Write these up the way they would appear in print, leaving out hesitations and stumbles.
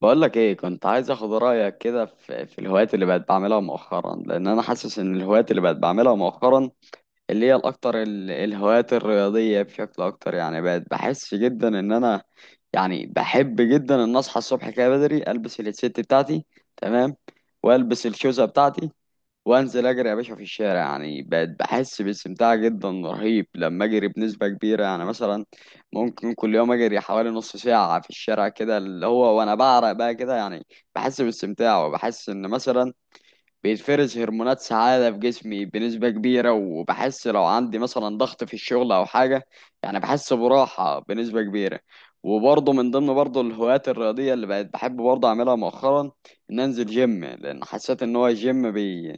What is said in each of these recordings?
بقولك ايه، كنت عايز اخد رأيك كده في الهوايات اللي بقت بعملها مؤخرا، لان انا حاسس ان الهوايات اللي بقت بعملها مؤخرا، اللي هي الاكتر، الهوايات الرياضية بشكل اكتر. يعني بقت بحس جدا ان انا، يعني بحب جدا ان اصحى الصبح كده بدري، البس الهيدسيت بتاعتي، تمام، والبس الشوزة بتاعتي، وانزل اجري يا باشا في الشارع. يعني بقت بحس باستمتاع جدا رهيب لما اجري بنسبه كبيره. يعني مثلا ممكن كل يوم اجري حوالي نص ساعه في الشارع كده، اللي هو وانا بعرق بقى كده. يعني بحس باستمتاع، وبحس ان مثلا بيتفرز هرمونات سعاده في جسمي بنسبه كبيره، وبحس لو عندي مثلا ضغط في الشغل او حاجه، يعني بحس براحه بنسبه كبيره. وبرضه من ضمن برضه الهوايات الرياضيه اللي بقت بحب برضه اعملها مؤخرا، ان انزل جيم، لان حسيت ان هو الجيم بي،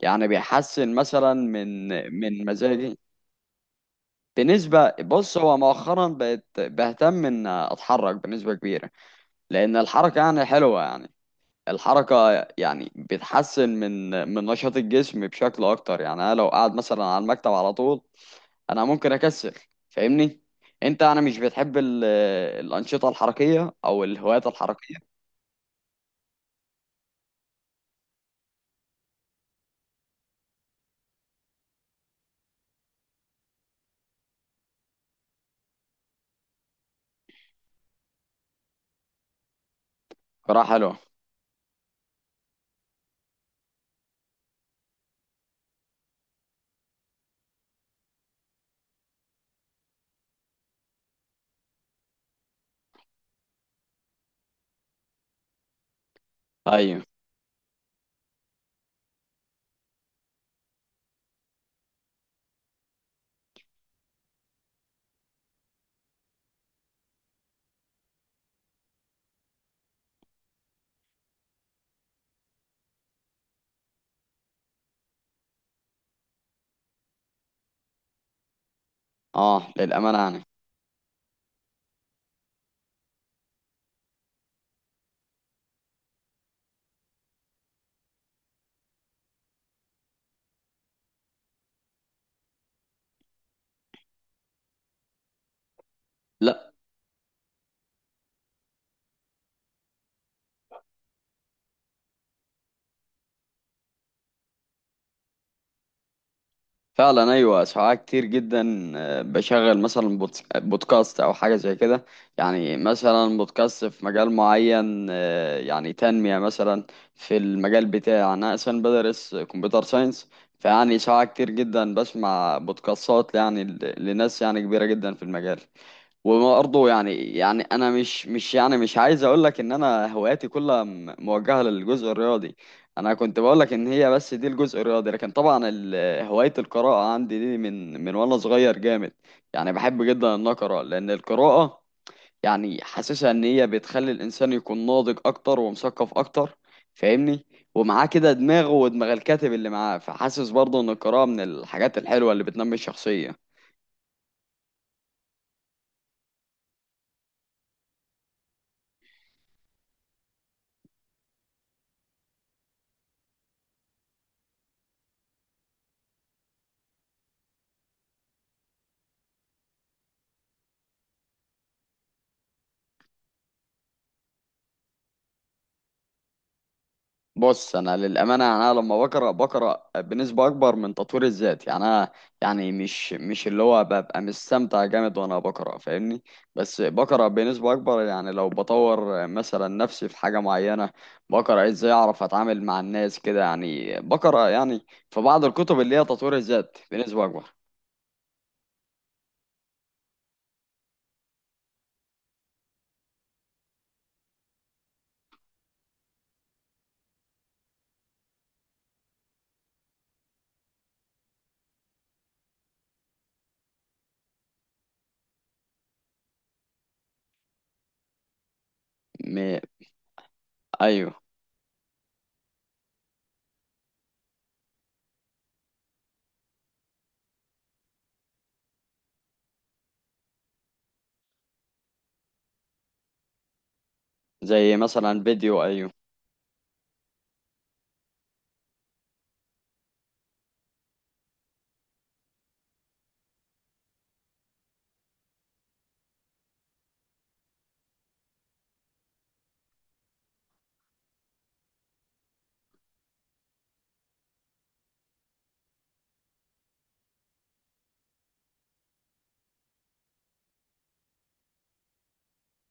يعني بيحسن مثلا من مزاجي بنسبة. بص، هو مؤخرا بقت بهتم ان اتحرك بنسبة كبيرة، لان الحركة يعني حلوة. يعني الحركة يعني بتحسن من نشاط الجسم بشكل اكتر. يعني انا لو قاعد مثلا على المكتب على طول، انا ممكن اكسل، فاهمني؟ انت، انا مش بتحب الانشطة الحركية او الهوايات الحركية. بصراحة حلوة. ايوه. اه، للأمانة يعني. فعلا ايوه، ساعات كتير جدا بشغل مثلا بودكاست او حاجه زي كده. يعني مثلا بودكاست في مجال معين، يعني تنميه مثلا. في المجال بتاعي انا اصلا بدرس كمبيوتر ساينس. فيعني ساعات كتير جدا بسمع بودكاستات، يعني لناس يعني كبيره جدا في المجال. وبرضه يعني انا مش يعني مش عايز اقول لك ان انا هواياتي كلها موجهه للجزء الرياضي. انا كنت بقول لك ان هي بس دي الجزء الرياضي، لكن طبعا هوايه القراءه عندي دي من وانا صغير جامد. يعني بحب جدا ان اقرا، لان القراءه يعني حاسسها ان هي بتخلي الانسان يكون ناضج اكتر ومثقف اكتر، فاهمني؟ ومعاه كده دماغه ودماغ الكاتب اللي معاه، فحاسس برضه ان القراءه من الحاجات الحلوه اللي بتنمي الشخصيه. بص، انا للامانه يعني، انا لما بقرا بنسبه اكبر من تطوير الذات. يعني انا يعني مش اللي هو ببقى مستمتع جامد وانا بقرا، فاهمني؟ بس بقرا بنسبه اكبر، يعني لو بطور مثلا نفسي في حاجه معينه، بقرا ازاي اعرف اتعامل مع الناس كده. يعني بقرا يعني في بعض الكتب اللي هي تطوير الذات بنسبه اكبر. م... ايوه. زي مثلا فيديو، ايوه.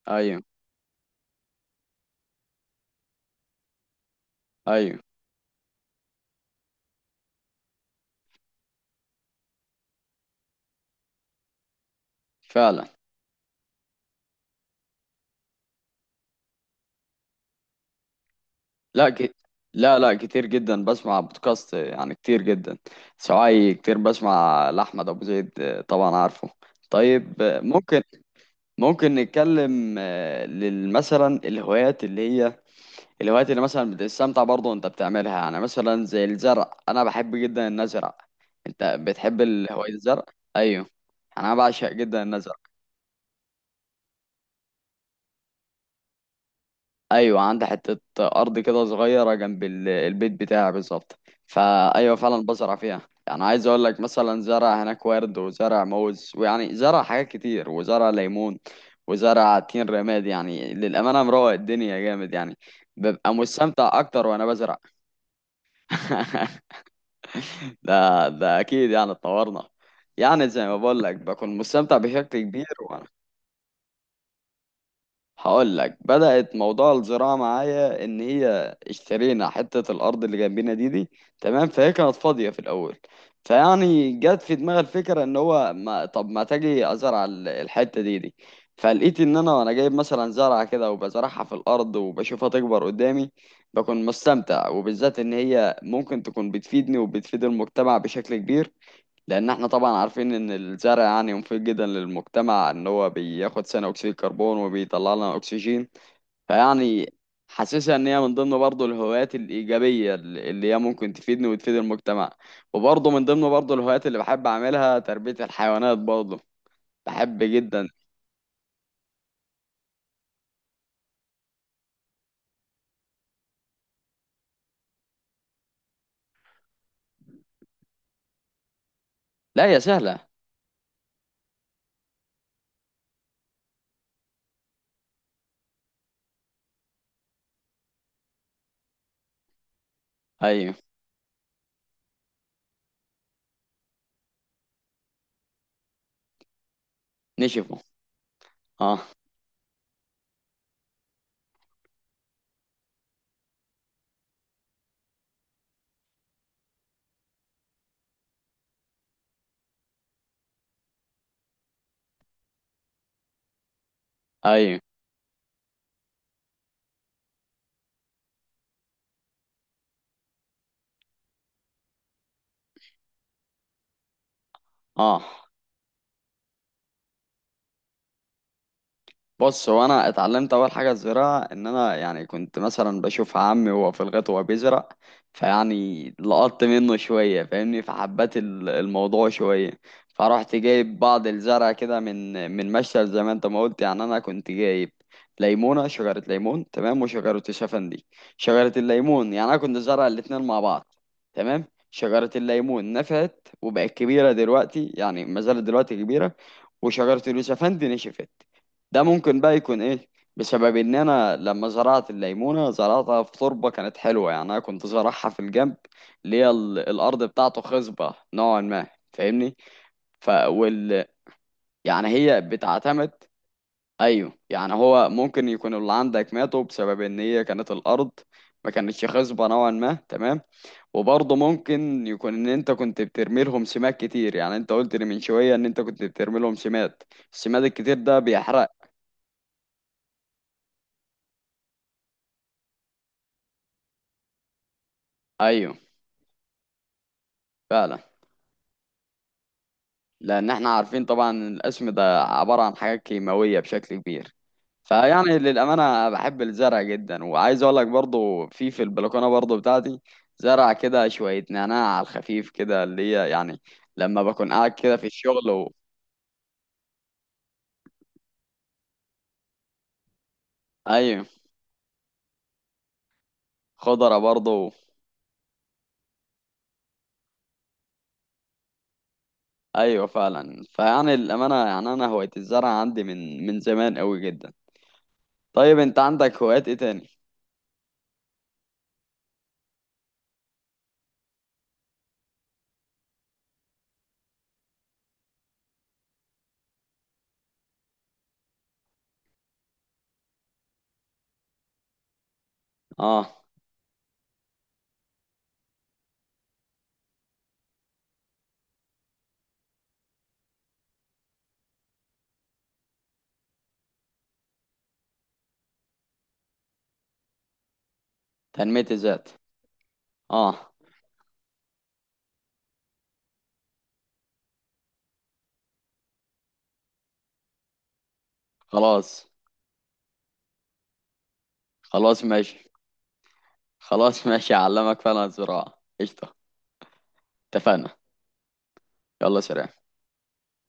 ايوه. ايوه فعلا. لا ك... لا، لا، كتير جدا بسمع بودكاست، يعني كتير جدا. سواعي كتير بسمع لأحمد أبو زيد، آه، طبعا عارفه. طيب، ممكن نتكلم، مثلا الهوايات اللي هي الهوايات اللي مثلا بتستمتع برضه وانت بتعملها. يعني مثلا زي الزرع، انا بحب جدا ان ازرع. انت بتحب هواية الزرع؟ ايوه. انا بعشق جدا ان ازرع. ايوه، عندي حته ارض كده صغيره جنب البيت بتاعي بالظبط. فايوه فعلا بزرع فيها. يعني عايز اقول لك، مثلا زرع هناك ورد، وزرع موز، ويعني زرع حاجات كتير، وزرع ليمون، وزرع تين رماد. يعني للامانه مروق الدنيا جامد، يعني ببقى مستمتع اكتر وانا بزرع. ده ده اكيد. يعني اتطورنا، يعني زي ما بقول لك بكون مستمتع بشكل كبير. هقول لك، بدأت موضوع الزراعة معايا إن هي اشترينا حتة الأرض اللي جنبنا دي، تمام. فهي كانت فاضية في الأول. فيعني جت في دماغي الفكرة، إن هو ما طب ما تجي أزرع الحتة دي. فلقيت إن أنا وأنا جايب مثلا زرعة كده، وبزرعها في الأرض، وبشوفها تكبر قدامي، بكون مستمتع. وبالذات إن هي ممكن تكون بتفيدني، وبتفيد المجتمع بشكل كبير. لان احنا طبعا عارفين ان الزرع يعني مفيد جدا للمجتمع، ان هو بياخد ثاني اكسيد الكربون وبيطلع لنا اكسجين. فيعني حاسسها ان هي من ضمن برضه الهوايات الايجابيه اللي هي ممكن تفيدني وتفيد المجتمع. وبرضه من ضمن برضه الهوايات اللي بحب اعملها تربيه الحيوانات برضه، بحب جدا. لا، يا سهله. ايوه. نشفه. اه. ايوه. اه، بص، هو انا اتعلمت اول حاجه الزراعه، ان انا يعني كنت مثلا بشوف عمي وهو في الغيط وهو بيزرع. فيعني لقطت منه شويه، فاهمني؟ فحبيت الموضوع شويه. فرحت جايب بعض الزرع كده، من مشتل، زي ما انت ما قلت. يعني انا كنت جايب ليمونه، شجره ليمون تمام، وشجره الشفندي. شجره الليمون، يعني انا كنت زارع الاتنين مع بعض، تمام. شجره الليمون نفعت وبقت كبيره دلوقتي، يعني ما زالت دلوقتي كبيره. وشجره اليوسفندي نشفت. ده ممكن بقى يكون ايه؟ بسبب ان انا لما زرعت الليمونه، زرعتها في تربه كانت حلوه. يعني انا كنت زرعها في الجنب اللي هي الارض بتاعته خصبه نوعا ما، فاهمني؟ ف وال يعني هي بتعتمد. ايوه، يعني هو ممكن يكون اللي عندك ماتوا بسبب ان هي كانت الارض ما كانتش خصبه نوعا ما، تمام. وبرضه ممكن يكون ان انت كنت بترمي لهم سماد كتير. يعني انت قلت لي من شويه ان انت كنت بترمي لهم سماد، السماد الكتير ده بيحرق. ايوه فعلا، لان احنا عارفين طبعا إن القسم ده عبارة عن حاجات كيماوية بشكل كبير. فيعني للأمانة بحب الزرع جدا. وعايز اقول لك برضو في البلكونة برضو بتاعتي زرع كده شوية نعناع على الخفيف كده، اللي هي يعني لما بكون قاعد كده في الشغل ايوه، خضرة برضو. ايوه فعلا. فيعني للأمانة يعني انا هواية الزرع عندي من زمان قوي جدا. طيب، انت عندك هوايات ايه تاني؟ اه، تنمية الذات. اه. خلاص. خلاص ماشي. خلاص ماشي، اعلمك فعلا. الزراعة قشطة. اتفقنا. يلا، سلام.